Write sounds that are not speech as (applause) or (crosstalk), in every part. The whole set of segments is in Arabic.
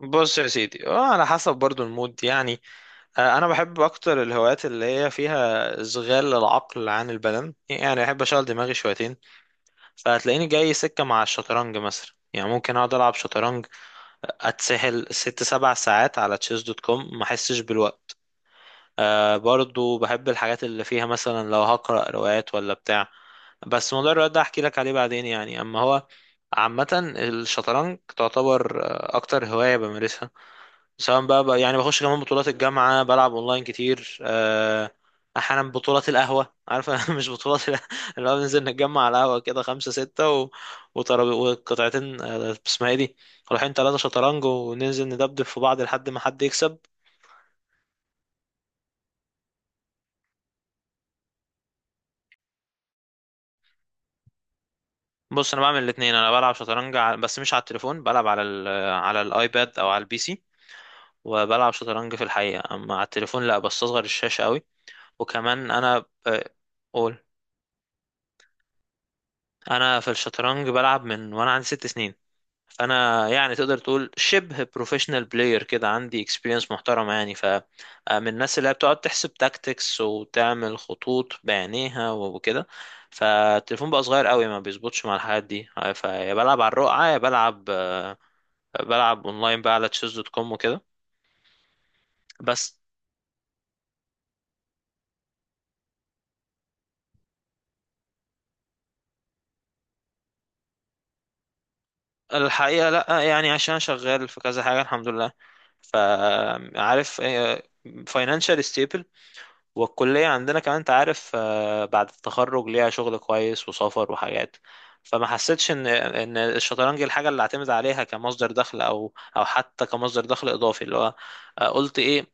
بص يا سيدي، على حسب برضو المود يعني. انا بحب اكتر الهوايات اللي هي فيها اشغال العقل عن البدن، يعني احب اشغل دماغي شويتين. فهتلاقيني جاي سكة مع الشطرنج مثلا، يعني ممكن اقعد العب شطرنج، اتسحل 6 7 ساعات على تشيس دوت كوم ما احسش بالوقت. برضو بحب الحاجات اللي فيها مثلا لو هقرأ روايات ولا بتاع، بس موضوع الروايات ده احكي لك عليه بعدين يعني. اما هو عامة الشطرنج تعتبر اكتر هواية بمارسها، سواء بقى، يعني بخش كمان بطولات الجامعة، بلعب اونلاين كتير. احيانا بطولات القهوة، عارفة؟ (laughs) مش بطولات اللي هو بننزل نتجمع على القهوة كده خمسة ستة و... وطرب... وقطعتين، اسمها ايه دي، رايحين ثلاثة شطرنج وننزل ندبدب في بعض لحد ما حد يكسب. بص انا بعمل الاتنين، انا بلعب شطرنج بس مش على التليفون، بلعب على الايباد او على البي سي، وبلعب شطرنج في الحقيقة. اما على التليفون لا، بستصغر الشاشة قوي. وكمان انا قول. انا في الشطرنج بلعب من وانا عندي 6 سنين، فانا يعني تقدر تقول شبه بروفيشنال بلاير كده، عندي اكسبيرينس محترمه يعني. ف من الناس اللي هي بتقعد تحسب تاكتكس وتعمل خطوط بعينيها وكده، فالتليفون بقى صغير قوي ما بيظبطش مع الحاجات دي. فيا بلعب على الرقعه، يا بلعب بلعب اونلاين بقى على تشيز دوت كوم وكده. بس الحقيقه لا، يعني عشان شغال في كذا حاجه الحمد لله، فعارف، فاينانشال ستيبل. والكلية عندنا كمان انت عارف، بعد التخرج ليها شغل كويس وسفر وحاجات، فما حسيتش ان الشطرنج الحاجة اللي اعتمد عليها كمصدر دخل، او حتى كمصدر دخل اضافي، اللي هو قلت ايه.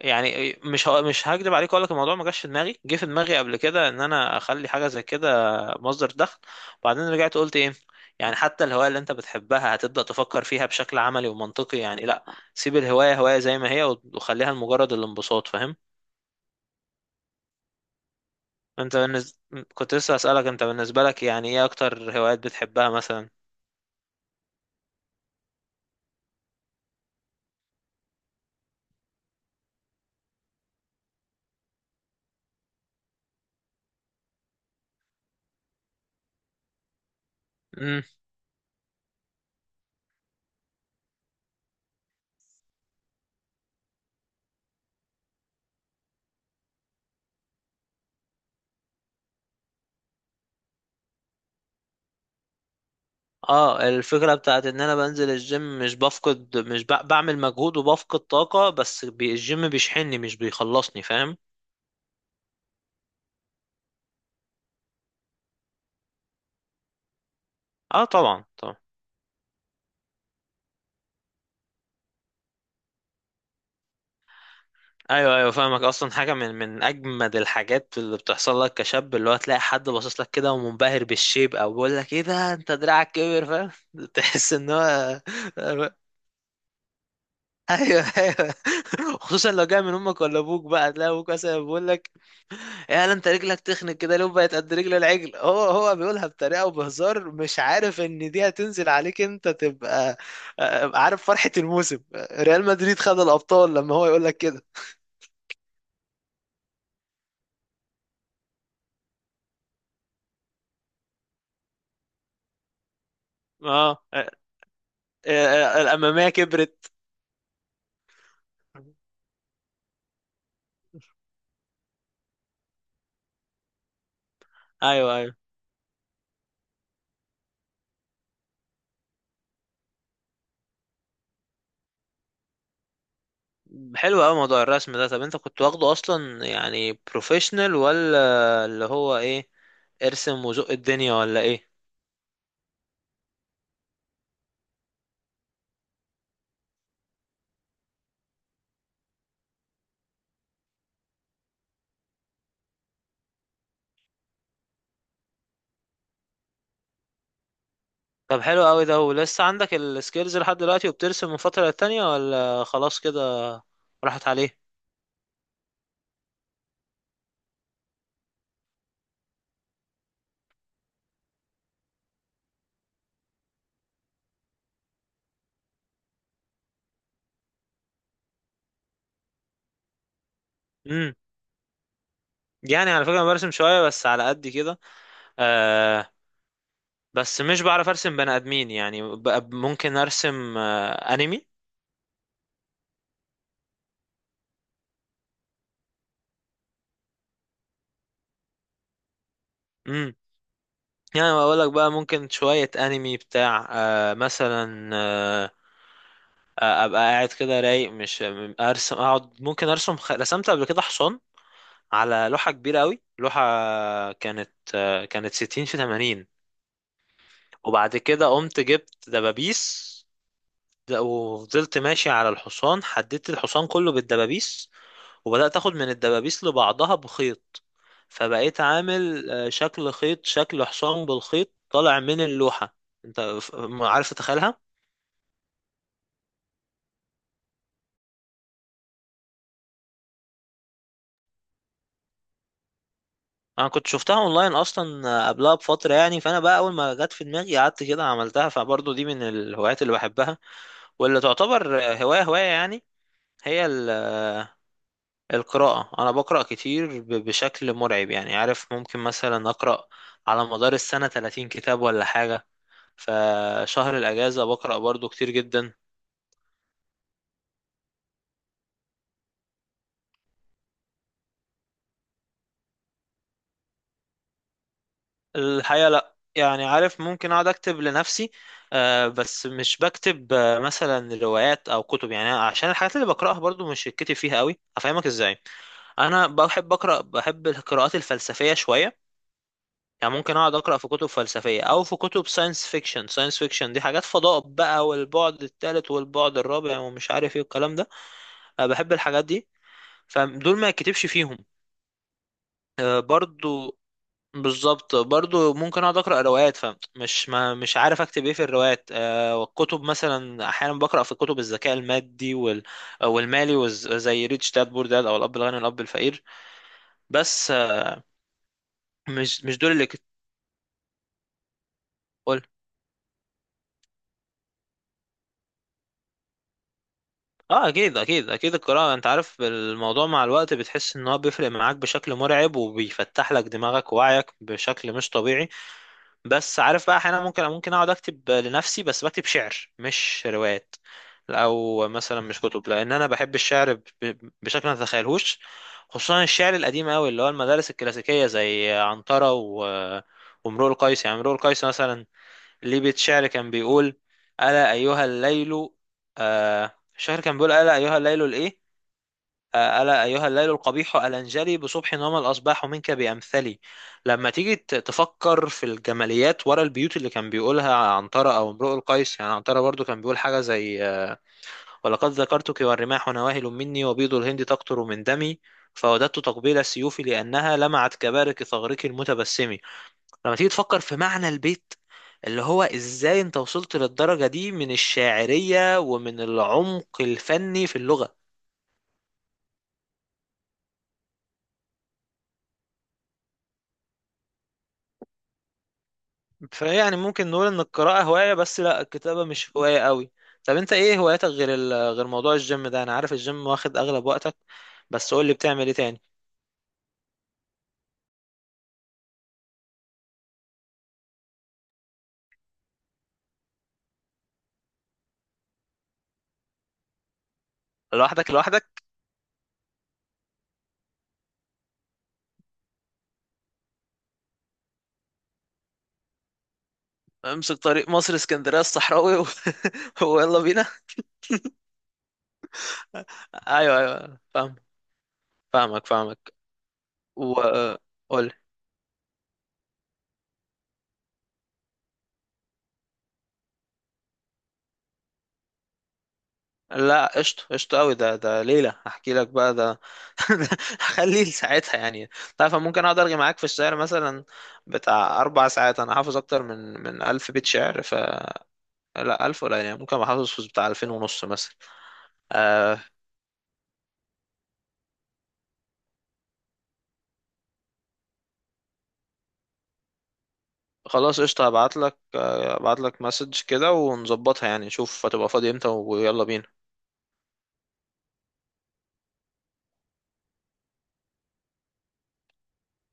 يعني مش هكدب عليك، اقول لك الموضوع ما جاش في دماغي، جه في دماغي قبل كده ان انا اخلي حاجه زي كده مصدر دخل، وبعدين رجعت قلت ايه، يعني حتى الهوايه اللي انت بتحبها هتبدا تفكر فيها بشكل عملي ومنطقي؟ يعني لا، سيب الهوايه هوايه زي ما هي، وخليها لمجرد الانبساط، فاهم؟ انت بالنسبة، كنت لسه اسألك انت بالنسبة لك يعني ايه اكتر هوايات بتحبها مثلا؟ امم. اه، الفكرة بتاعت ان انا بنزل الجيم مش بفقد، مش ب... بعمل مجهود وبفقد طاقة، بس الجيم بيشحنني مش بيخلصني، فاهم؟ اه طبعا طبعا. ايوه ايوه فاهمك. اصلا حاجة من اجمد الحاجات اللي بتحصل لك كشاب، اللي هو تلاقي حد باصص لك كده ومنبهر بالشيب، او بيقول لك ايه ده انت دراعك كبر، فاهم؟ (laughs) تحس ان هو، ايوه ايوه. (laughs) خصوصا لو جاي من امك ولا ابوك، بقى تلاقي ابوك مثلا بيقول لك يا انت، رجلك تخنق كده ليه بقت قد رجل العجل؟ هو هو بيقولها بطريقه وبهزار، مش عارف ان دي هتنزل عليك انت تبقى عارف فرحه الموسم، ريال مدريد خد الابطال لما هو يقول لك كده. اه، الاماميه كبرت. ايوه ايوه، حلو قوي موضوع الرسم ده. طب انت كنت واخده اصلا يعني بروفيشنال، ولا اللي هو ايه، ارسم وزق الدنيا ولا ايه؟ طب حلو قوي ده، ولسه عندك السكيلز لحد دلوقتي وبترسم من فترة للتانية، ولا خلاص كده راحت عليه؟ امم. يعني على فكرة أنا برسم شوية بس على قد كده. آه، بس مش بعرف ارسم بني ادمين، يعني ممكن ارسم انمي. امم، يعني بقول لك بقى ممكن شوية انمي بتاع آه مثلا آه آه، ابقى قاعد كده رايق، مش ارسم، اقعد ممكن ارسم رسمت قبل كده حصان على لوحة كبيرة قوي، لوحة كانت 60 في 80. وبعد كده قمت جبت دبابيس، وفضلت ماشي على الحصان، حددت الحصان كله بالدبابيس، وبدأت اخد من الدبابيس لبعضها بخيط، فبقيت عامل شكل خيط، شكل حصان بالخيط طالع من اللوحة. انت ف- عارف تتخيلها؟ انا كنت شفتها اونلاين اصلا قبلها بفترة يعني، فانا بقى اول ما جت في دماغي قعدت كده عملتها. فبرضه دي من الهوايات اللي بحبها، واللي تعتبر هواية هواية يعني. هي القراءة، أنا بقرأ كتير بشكل مرعب يعني، عارف ممكن مثلا أقرأ على مدار السنة 30 كتاب ولا حاجة، فشهر الأجازة بقرأ برضو كتير جدا. الحقيقة لأ، يعني عارف ممكن أقعد أكتب لنفسي، بس مش بكتب مثلا روايات أو كتب، يعني عشان الحاجات اللي بقرأها برضو مش الكتب فيها قوي. أفهمك إزاي، أنا بحب أقرأ، بحب القراءات الفلسفية شوية، يعني ممكن اقعد اقرا في كتب فلسفيه، او في كتب ساينس فيكشن. ساينس فيكشن دي حاجات فضاء بقى، والبعد الثالث والبعد الرابع ومش عارف ايه والكلام ده. أه بحب الحاجات دي، فدول ما يتكتبش فيهم. أه برضو، بالظبط، برضو ممكن اقعد اقرا روايات فمش، ما مش عارف اكتب ايه في الروايات. أه والكتب مثلا احيانا بقرا في كتب الذكاء المادي وال والمالي، زي ريتش داد بور داد، او الاب الغني والاب الفقير. بس أه، مش دول اللي كتب. اه اكيد اكيد اكيد، القراءة انت عارف الموضوع مع الوقت بتحس ان هو بيفرق معاك بشكل مرعب، وبيفتح لك دماغك ووعيك بشكل مش طبيعي. بس عارف بقى، احيانا ممكن اقعد اكتب لنفسي، بس بكتب شعر مش روايات، او مثلا مش كتب، لان انا بحب الشعر بشكل ما تتخيلهوش، خصوصا الشعر القديم قوي، اللي هو المدارس الكلاسيكية زي عنترة و وامرؤ القيس. يعني امرؤ القيس مثلا ليه بيت شعر كان بيقول ألا أيها الليل، شعر كان بيقول ألا أيها الليل الإيه، آه، ألا أيها الليل القبيح ألنجلي، بصبح وما الأصباح منك بأمثلي. لما تيجي تفكر في الجماليات ورا البيوت اللي كان بيقولها عنترة أو امرؤ القيس، يعني عنترة برضو كان بيقول حاجة زي ولقد ذكرتك والرماح نواهل مني، وبيض الهند تقطر من دمي، فوددت تقبيل سيوفي لأنها لمعت كبارق ثغرك المتبسم. لما تيجي تفكر في معنى البيت، اللي هو ازاي انت وصلت للدرجة دي من الشاعرية ومن العمق الفني في اللغة. فيعني ممكن نقول ان القراءة هواية، بس لا الكتابة مش هواية قوي. طب انت ايه هواياتك غير غير موضوع الجيم ده؟ انا عارف الجيم واخد اغلب وقتك، بس قول لي بتعمل ايه تاني؟ لوحدك لوحدك، امسك طريق مصر اسكندرية الصحراوي و... (laughs) ويلا بينا. ايوه ايوه فاهم، فاهمك فاهمك. وقول. لا قشطة، قشطة قوي ده، ده ليلة هحكي لك بقى ده، (laughs) ده هخليه لساعتها يعني. تعرف أنا ممكن اقعد ارغي معاك في الشعر مثلا بتاع 4 ساعات، انا حافظ اكتر من 1000 بيت شعر، ف لا الف ولا، يعني ممكن ابقى حافظ في بتاع 2500 مثلا. آه، خلاص قشطة، هبعت لك مسج كده ونظبطها، يعني شوف هتبقى فاضي امتى ويلا بينا.